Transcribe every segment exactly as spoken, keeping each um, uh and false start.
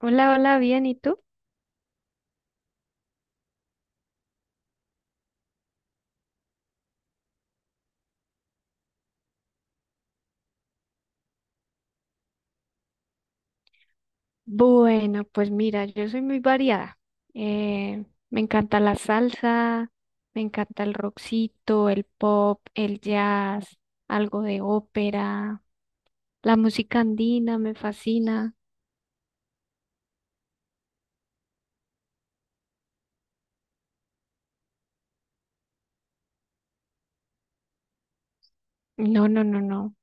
Hola, hola, bien, ¿y tú? Bueno, pues mira, yo soy muy variada. Eh, me encanta la salsa, me encanta el rockcito, el pop, el jazz, algo de ópera, la música andina me fascina. No, no, no, no.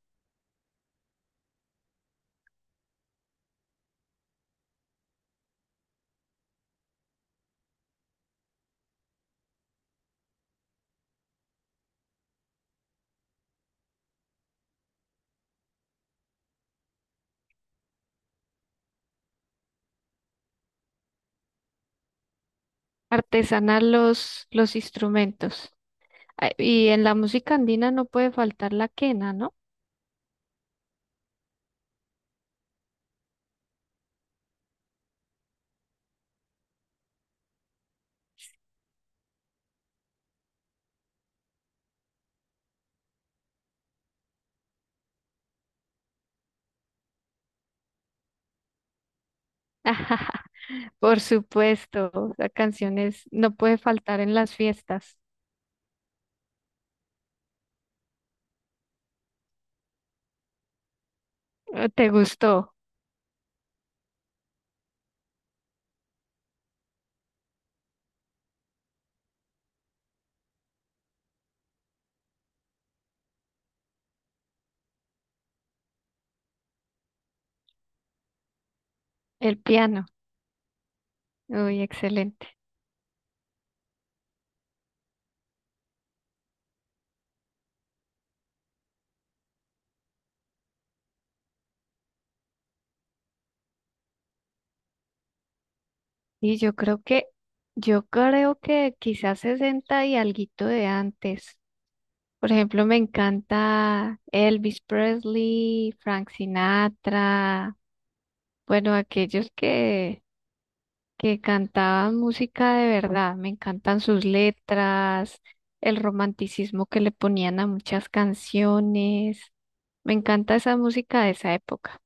Artesanal los, los instrumentos. Ah, y en la música andina no puede faltar la quena, ¿no? Por supuesto, la canción es, no puede faltar en las fiestas. Eh, ¿Te gustó el piano? Uy, excelente. Y yo creo que, yo creo que quizás sesenta y alguito de antes. Por ejemplo, me encanta Elvis Presley, Frank Sinatra, bueno, aquellos que, que cantaban música de verdad. Me encantan sus letras, el romanticismo que le ponían a muchas canciones. Me encanta esa música de esa época.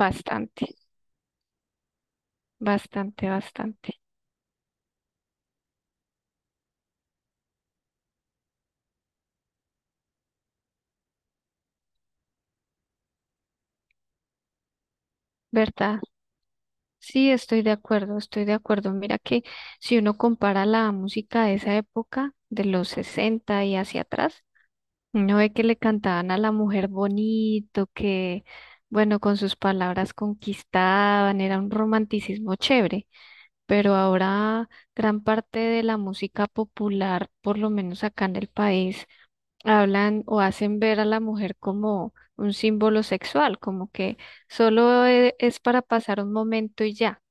Bastante, bastante, bastante. ¿Verdad? Sí, estoy de acuerdo, estoy de acuerdo. Mira que si uno compara la música de esa época, de los sesenta y hacia atrás, uno ve que le cantaban a la mujer bonito, que, bueno, con sus palabras conquistaban, era un romanticismo chévere, pero ahora gran parte de la música popular, por lo menos acá en el país, hablan o hacen ver a la mujer como un símbolo sexual, como que solo eh, es para pasar un momento y ya.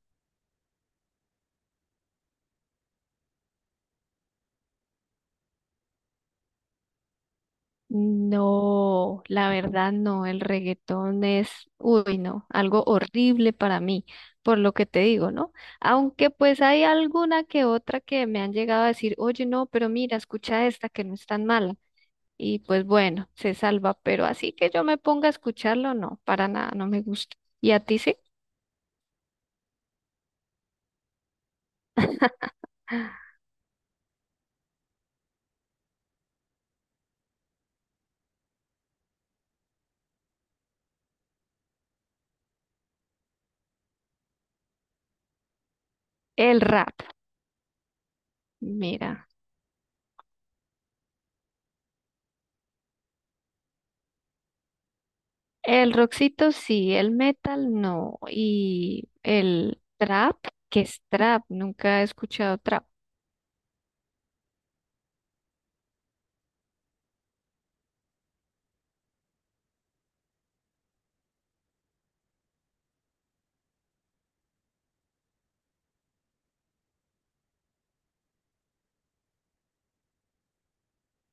No, la verdad no, el reggaetón es, uy, no, algo horrible para mí, por lo que te digo, ¿no? Aunque pues hay alguna que otra que me han llegado a decir, oye, no, pero mira, escucha esta que no es tan mala. Y pues bueno, se salva, pero así que yo me ponga a escucharlo, no, para nada, no me gusta. ¿Y a ti sí? El rap, mira, el rockcito sí, el metal no, y el trap, ¿qué es trap? Nunca he escuchado trap.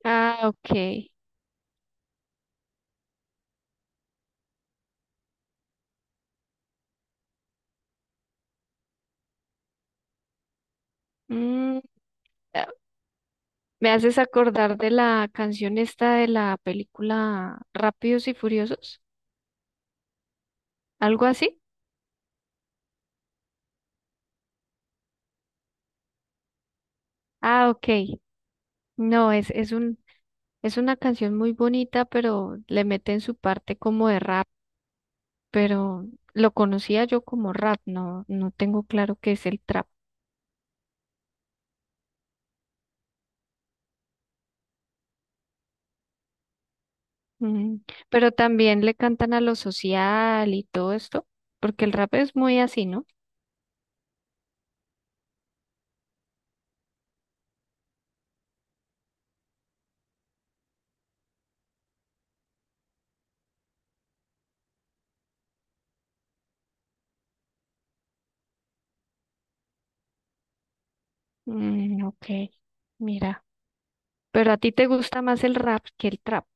Ah, ok. Mm, ah, Me haces acordar de la canción esta de la película Rápidos y Furiosos, algo así. Ah, ok. No, es, es un, es una canción muy bonita, pero le meten su parte como de rap, pero lo conocía yo como rap, no, no tengo claro qué es el trap. Mm, pero también le cantan a lo social y todo esto, porque el rap es muy así, ¿no? Mm, ok, mira. Pero a ti te gusta más el rap que el trap.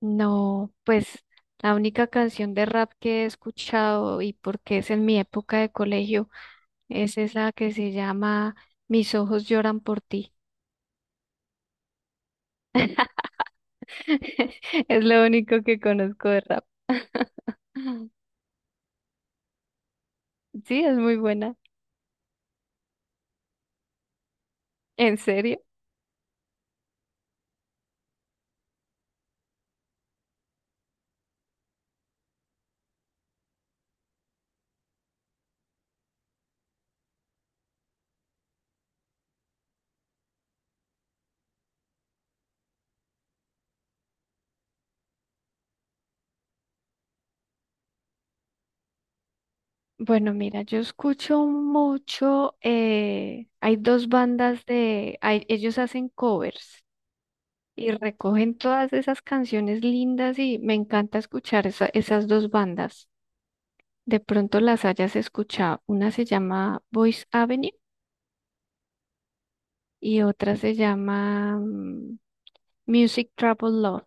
No, pues la única canción de rap que he escuchado y porque es en mi época de colegio es esa que se llama Mis ojos lloran por ti. Es lo único que conozco de rap. Sí, es muy buena. ¿En serio? Bueno, mira, yo escucho mucho, eh, hay dos bandas de, hay- ellos hacen covers. Y recogen todas esas canciones lindas y me encanta escuchar esa- esas dos bandas. De pronto las hayas escuchado. Una se llama Voice Avenue y otra se llama mm, Music Trouble Love.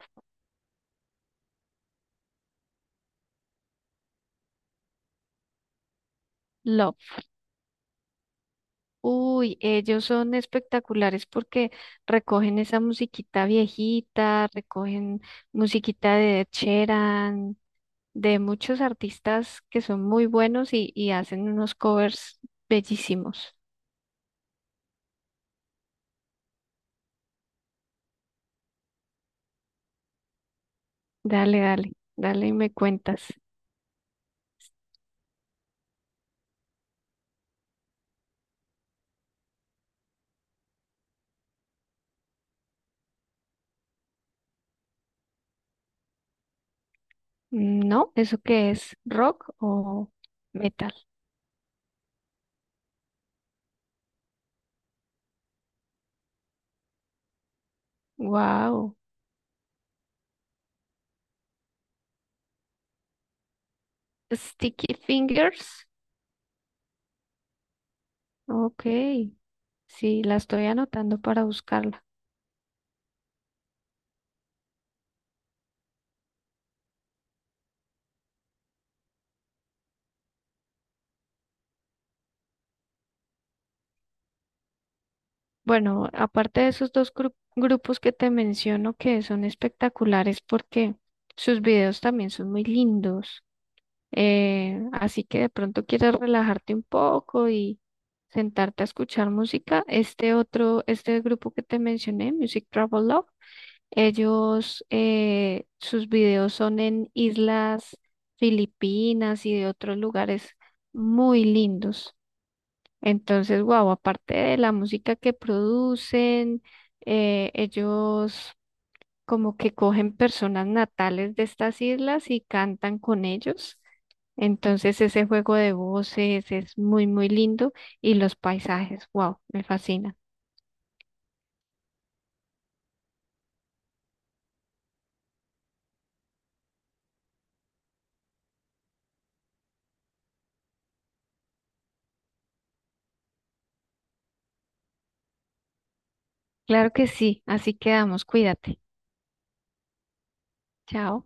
Love. Uy, ellos son espectaculares porque recogen esa musiquita viejita, recogen musiquita de Ed Sheeran, de muchos artistas que son muy buenos y, y hacen unos covers bellísimos. Dale, dale, dale y me cuentas. Mm, no, ¿eso qué es? ¿Rock o metal? Wow. Sticky Fingers. Ok, sí, la estoy anotando para buscarla. Bueno, aparte de esos dos gru- grupos que te menciono que son espectaculares porque sus videos también son muy lindos. Eh, así que de pronto quieres relajarte un poco y sentarte a escuchar música. Este otro, este grupo que te mencioné, Music Travel Love. Ellos, eh, sus videos son en islas Filipinas y de otros lugares muy lindos. Entonces, wow, aparte de la música que producen, eh, ellos como que cogen personas natales de estas islas y cantan con ellos. Entonces, ese juego de voces es muy, muy lindo y los paisajes, wow, me fascina. Claro que sí, así quedamos, cuídate. Chao.